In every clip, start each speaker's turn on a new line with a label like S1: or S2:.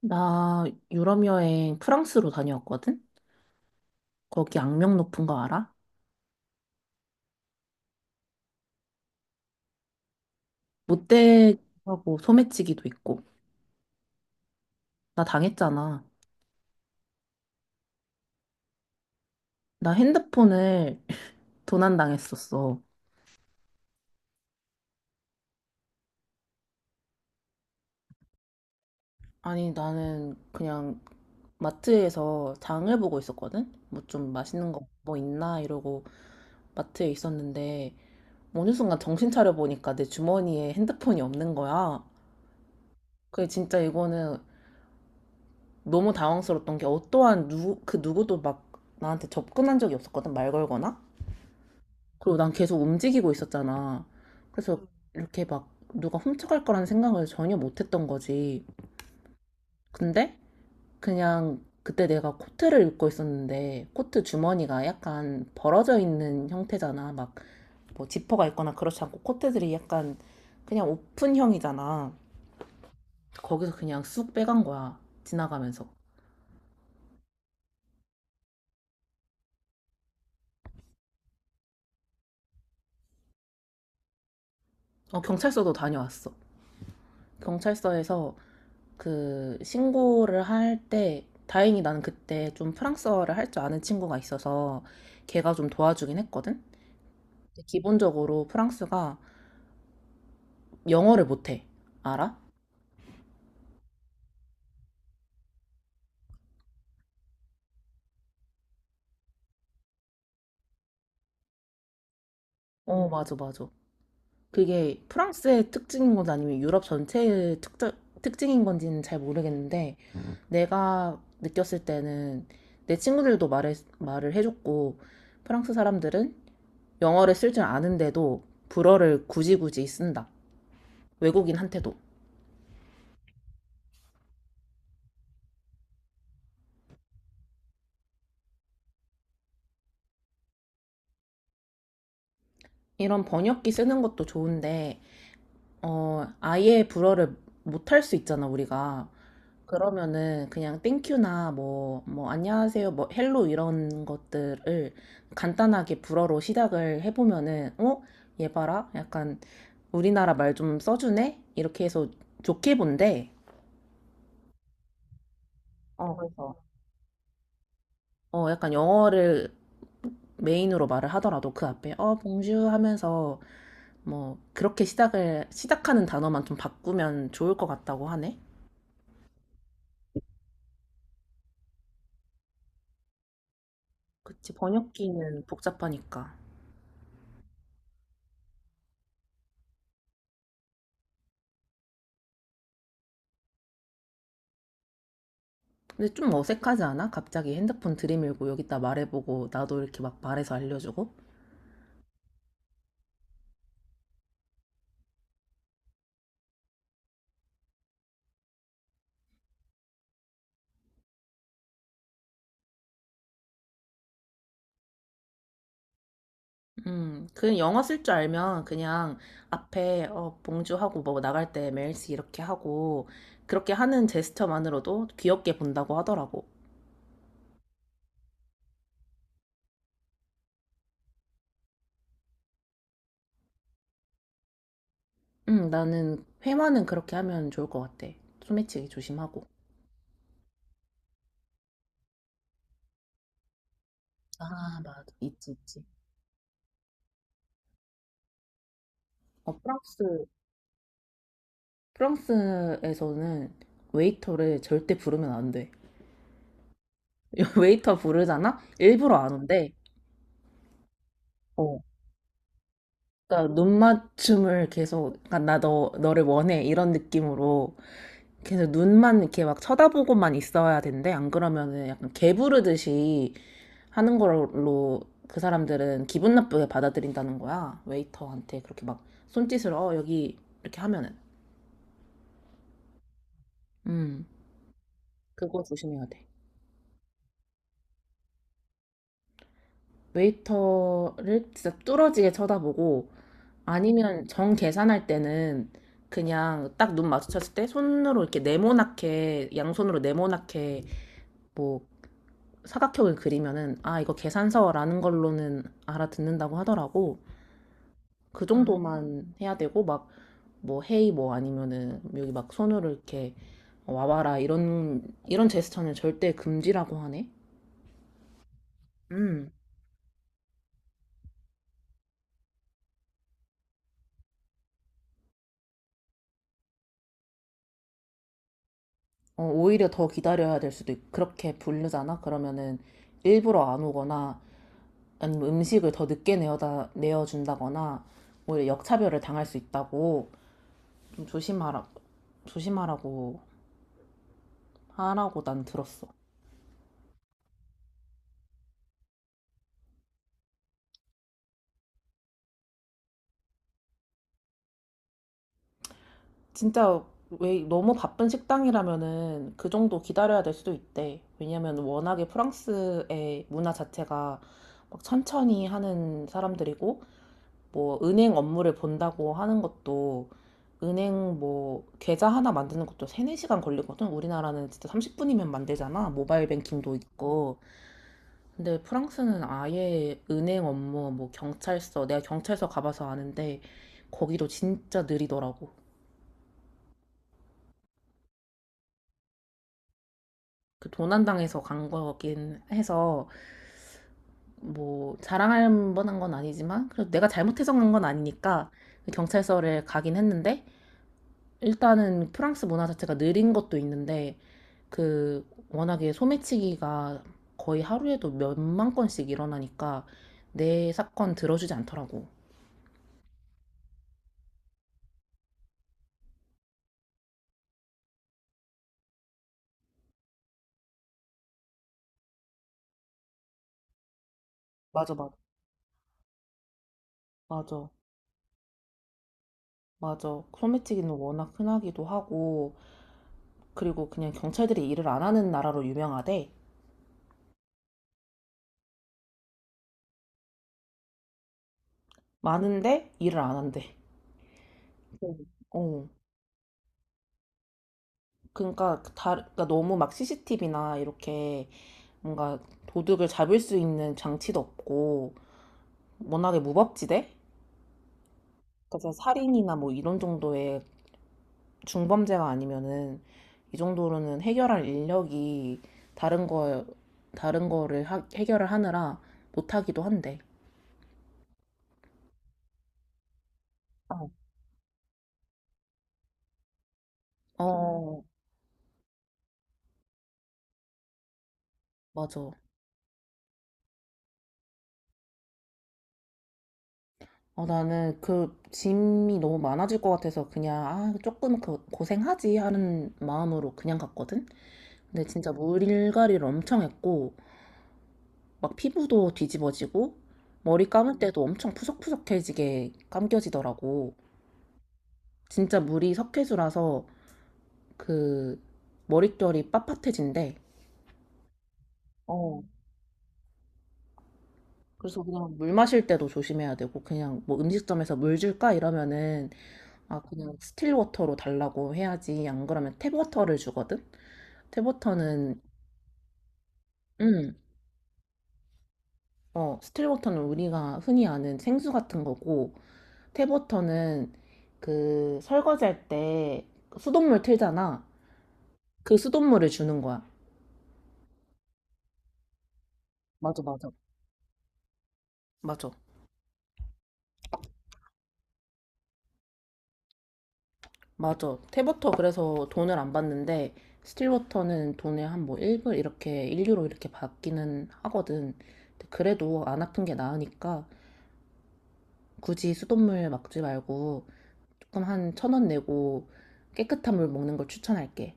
S1: 나 유럽 여행 프랑스로 다녀왔거든? 거기 악명 높은 거 알아? 못되고 소매치기도 있고. 나 당했잖아. 나 핸드폰을 도난당했었어. 아니, 나는 그냥 마트에서 장을 보고 있었거든? 뭐 좀 맛있는 거 뭐 있나? 이러고 마트에 있었는데 어느 순간 정신 차려 보니까 내 주머니에 핸드폰이 없는 거야. 그래, 진짜 이거는 너무 당황스러웠던 게 어떠한 그 누구도 막 나한테 접근한 적이 없었거든, 말 걸거나. 그리고 난 계속 움직이고 있었잖아. 그래서 이렇게 막 누가 훔쳐갈 거라는 생각을 전혀 못 했던 거지. 근데 그냥 그때 내가 코트를 입고 있었는데 코트 주머니가 약간 벌어져 있는 형태잖아. 막 뭐 지퍼가 있거나 그렇지 않고 코트들이 약간 그냥 오픈형이잖아. 거기서 그냥 쑥 빼간 거야. 지나가면서. 어, 경찰서도 다녀왔어. 경찰서에서 그 신고를 할 때 다행히 나는 그때 좀 프랑스어를 할 줄 아는 친구가 있어서 걔가 좀 도와주긴 했거든. 근데 기본적으로 프랑스가 영어를 못해. 알아? 어, 맞아, 맞아. 그게 프랑스의 특징인 건지 아니면 유럽 전체의 특징인 건지는 잘 모르겠는데 음, 내가 느꼈을 때는 내 친구들도 말을 해줬고 프랑스 사람들은 영어를 쓸 줄 아는데도 불어를 굳이 굳이 쓴다. 외국인한테도. 이런 번역기 쓰는 것도 좋은데, 어, 아예 불어를 못할 수 있잖아, 우리가. 그러면은 그냥 땡큐나 뭐, 뭐, 안녕하세요, 뭐, 헬로 이런 것들을 간단하게 불어로 시작을 해보면은, 어? 얘 봐라? 약간 우리나라 말 좀 써주네? 이렇게 해서 좋게 본대. 어, 그래서. 어, 약간 영어를 메인으로 말을 하더라도 그 앞에, 어, 봉주 하면서 뭐, 그렇게 시작하는 단어만 좀 바꾸면 좋을 것 같다고 하네. 그치, 번역기는 복잡하니까. 근데 좀 어색하지 않아? 갑자기 핸드폰 들이밀고 여기다 말해보고 나도 이렇게 막 말해서 알려주고? 그 영어 쓸 줄 알면 그냥 앞에 어, 봉주 하고 뭐 나갈 때 메일스 이렇게 하고 그렇게 하는 제스처만으로도 귀엽게 본다고 하더라고. 나는 회화는 그렇게 하면 좋을 것 같아. 소매치기 조심하고. 아, 맞아. 있지, 있지. 어, 프랑스, 프랑스에서는 웨이터를 절대 부르면 안 돼. 웨이터 부르잖아? 일부러 안 온대. 어. 그러니까 눈 맞춤을 계속, 그러니까 나 너, 너를 원해. 이런 느낌으로 계속 눈만 이렇게 막 쳐다보고만 있어야 된대. 안 그러면은 약간 개 부르듯이 하는 걸로 그 사람들은 기분 나쁘게 받아들인다는 거야. 웨이터한테 그렇게 막 손짓을, 어, 여기 이렇게 하면은. 음, 그거 조심해야 돼. 웨이터를 진짜 뚫어지게 쳐다보고, 아니면 정 계산할 때는 그냥 딱 눈 마주쳤을 때 손으로 이렇게 네모나게 양손으로 네모나게 뭐 사각형을 그리면은 아 이거 계산서라는 걸로는 알아듣는다고 하더라고. 그 음, 정도만 해야 되고 막 뭐 헤이 뭐 아니면은 여기 막 손으로 이렇게 와봐라 이런 제스처는 절대 금지라고 하네. 음. 어, 오히려 더 기다려야 될 수도 있, 그렇게 부르잖아. 그러면은 일부러 안 오거나 아니면 음식을 더 늦게 내어준다거나 오히려 역차별을 당할 수 있다고 좀 조심하라고 하라고 난 들었어. 진짜 왜 너무 바쁜 식당이라면은 그 정도 기다려야 될 수도 있대. 왜냐면 워낙에 프랑스의 문화 자체가 막 천천히 하는 사람들이고 뭐 은행 업무를 본다고 하는 것도 은행 뭐 계좌 하나 만드는 것도 3, 4시간 걸리거든. 우리나라는 진짜 30분이면 만들잖아. 모바일 뱅킹도 있고. 근데 프랑스는 아예 은행 업무, 뭐 경찰서, 내가 경찰서 가봐서 아는데 거기도 진짜 느리더라고. 그 도난당해서 간 거긴 해서 뭐 자랑할 만한 건 아니지만 그래도 내가 잘못해서 간 건 아니니까 경찰서를 가긴 했는데 일단은 프랑스 문화 자체가 느린 것도 있는데 그 워낙에 소매치기가 거의 하루에도 몇만 건씩 일어나니까 내 사건 들어주지 않더라고. 맞아, 맞아, 맞아, 맞아. 소매치기는 워낙 흔하기도 하고, 그리고 그냥 경찰들이 일을 안 하는 나라로 유명하대. 많은데 일을 안 한대. 음. 어. 그러니까 그러니까 너무 막 CCTV나 이렇게 뭔가 도둑을 잡을 수 있는 장치도 없고, 워낙에 무법지대? 그래서 살인이나 뭐 이런 정도의 중범죄가 아니면은 이 정도로는 해결할 인력이 다른 거 다른 거를 해결을 하느라 못하기도 한데. 어. 어, 맞아. 어, 나는 그 짐이 너무 많아질 것 같아서 그냥 아, 조금 그 고생하지 하는 마음으로 그냥 갔거든. 근데 진짜 물갈이를 엄청 했고 막 피부도 뒤집어지고 머리 감을 때도 엄청 푸석푸석해지게 감겨지더라고. 진짜 물이 석회수라서 그 머릿결이 빳빳해진대. 어. 그래서 그냥 물 마실 때도 조심해야 되고 그냥 뭐 음식점에서 물 줄까 이러면은 아 그냥 스틸 워터로 달라고 해야지 안 그러면 탭 워터를 주거든. 탭 워터는 음, 어, 스틸 워터는 우리가 흔히 아는 생수 같은 거고 탭 워터는 그 설거지할 때 수돗물 틀잖아. 그 수돗물을 주는 거야. 맞아, 맞아. 맞아. 맞아. 탭워터 그래서 돈을 안 받는데 스틸워터는 돈의 한 뭐 1불 이렇게 1유로 이렇게 받기는 하거든. 근데 그래도 안 아픈 게 나으니까 굳이 수돗물 막지 말고 조금 한 1,000원 내고 깨끗한 물 먹는 걸 추천할게.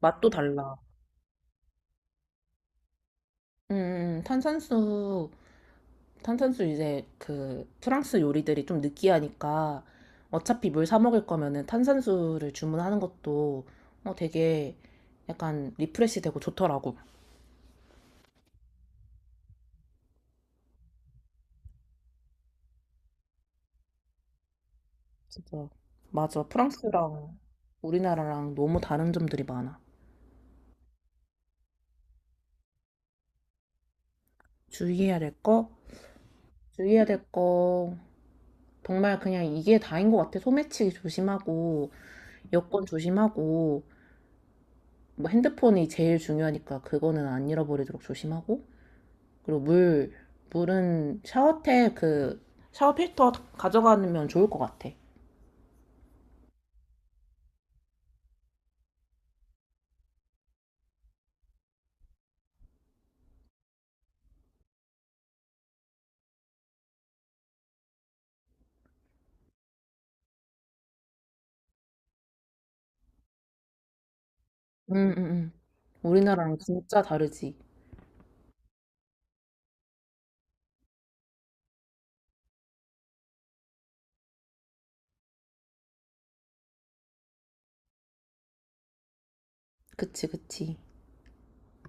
S1: 맛도 달라. 음, 음, 탄산수, 탄산수 이제 그 프랑스 요리들이 좀 느끼하니까 어차피 물 사 먹을 거면은 탄산수를 주문하는 것도 어, 되게 약간 리프레시 되고 좋더라고. 진짜. 맞아. 프랑스랑 우리나라랑 너무 다른 점들이 많아. 주의해야 될 거? 주의해야 될 거. 정말 그냥 이게 다인 것 같아. 소매치기 조심하고, 여권 조심하고, 뭐 핸드폰이 제일 중요하니까 그거는 안 잃어버리도록 조심하고. 그리고 물, 물은 샤워템 그 샤워 필터 가져가면 좋을 것 같아. 응, 응, 응. 우리나라랑 진짜 다르지. 그치, 그치.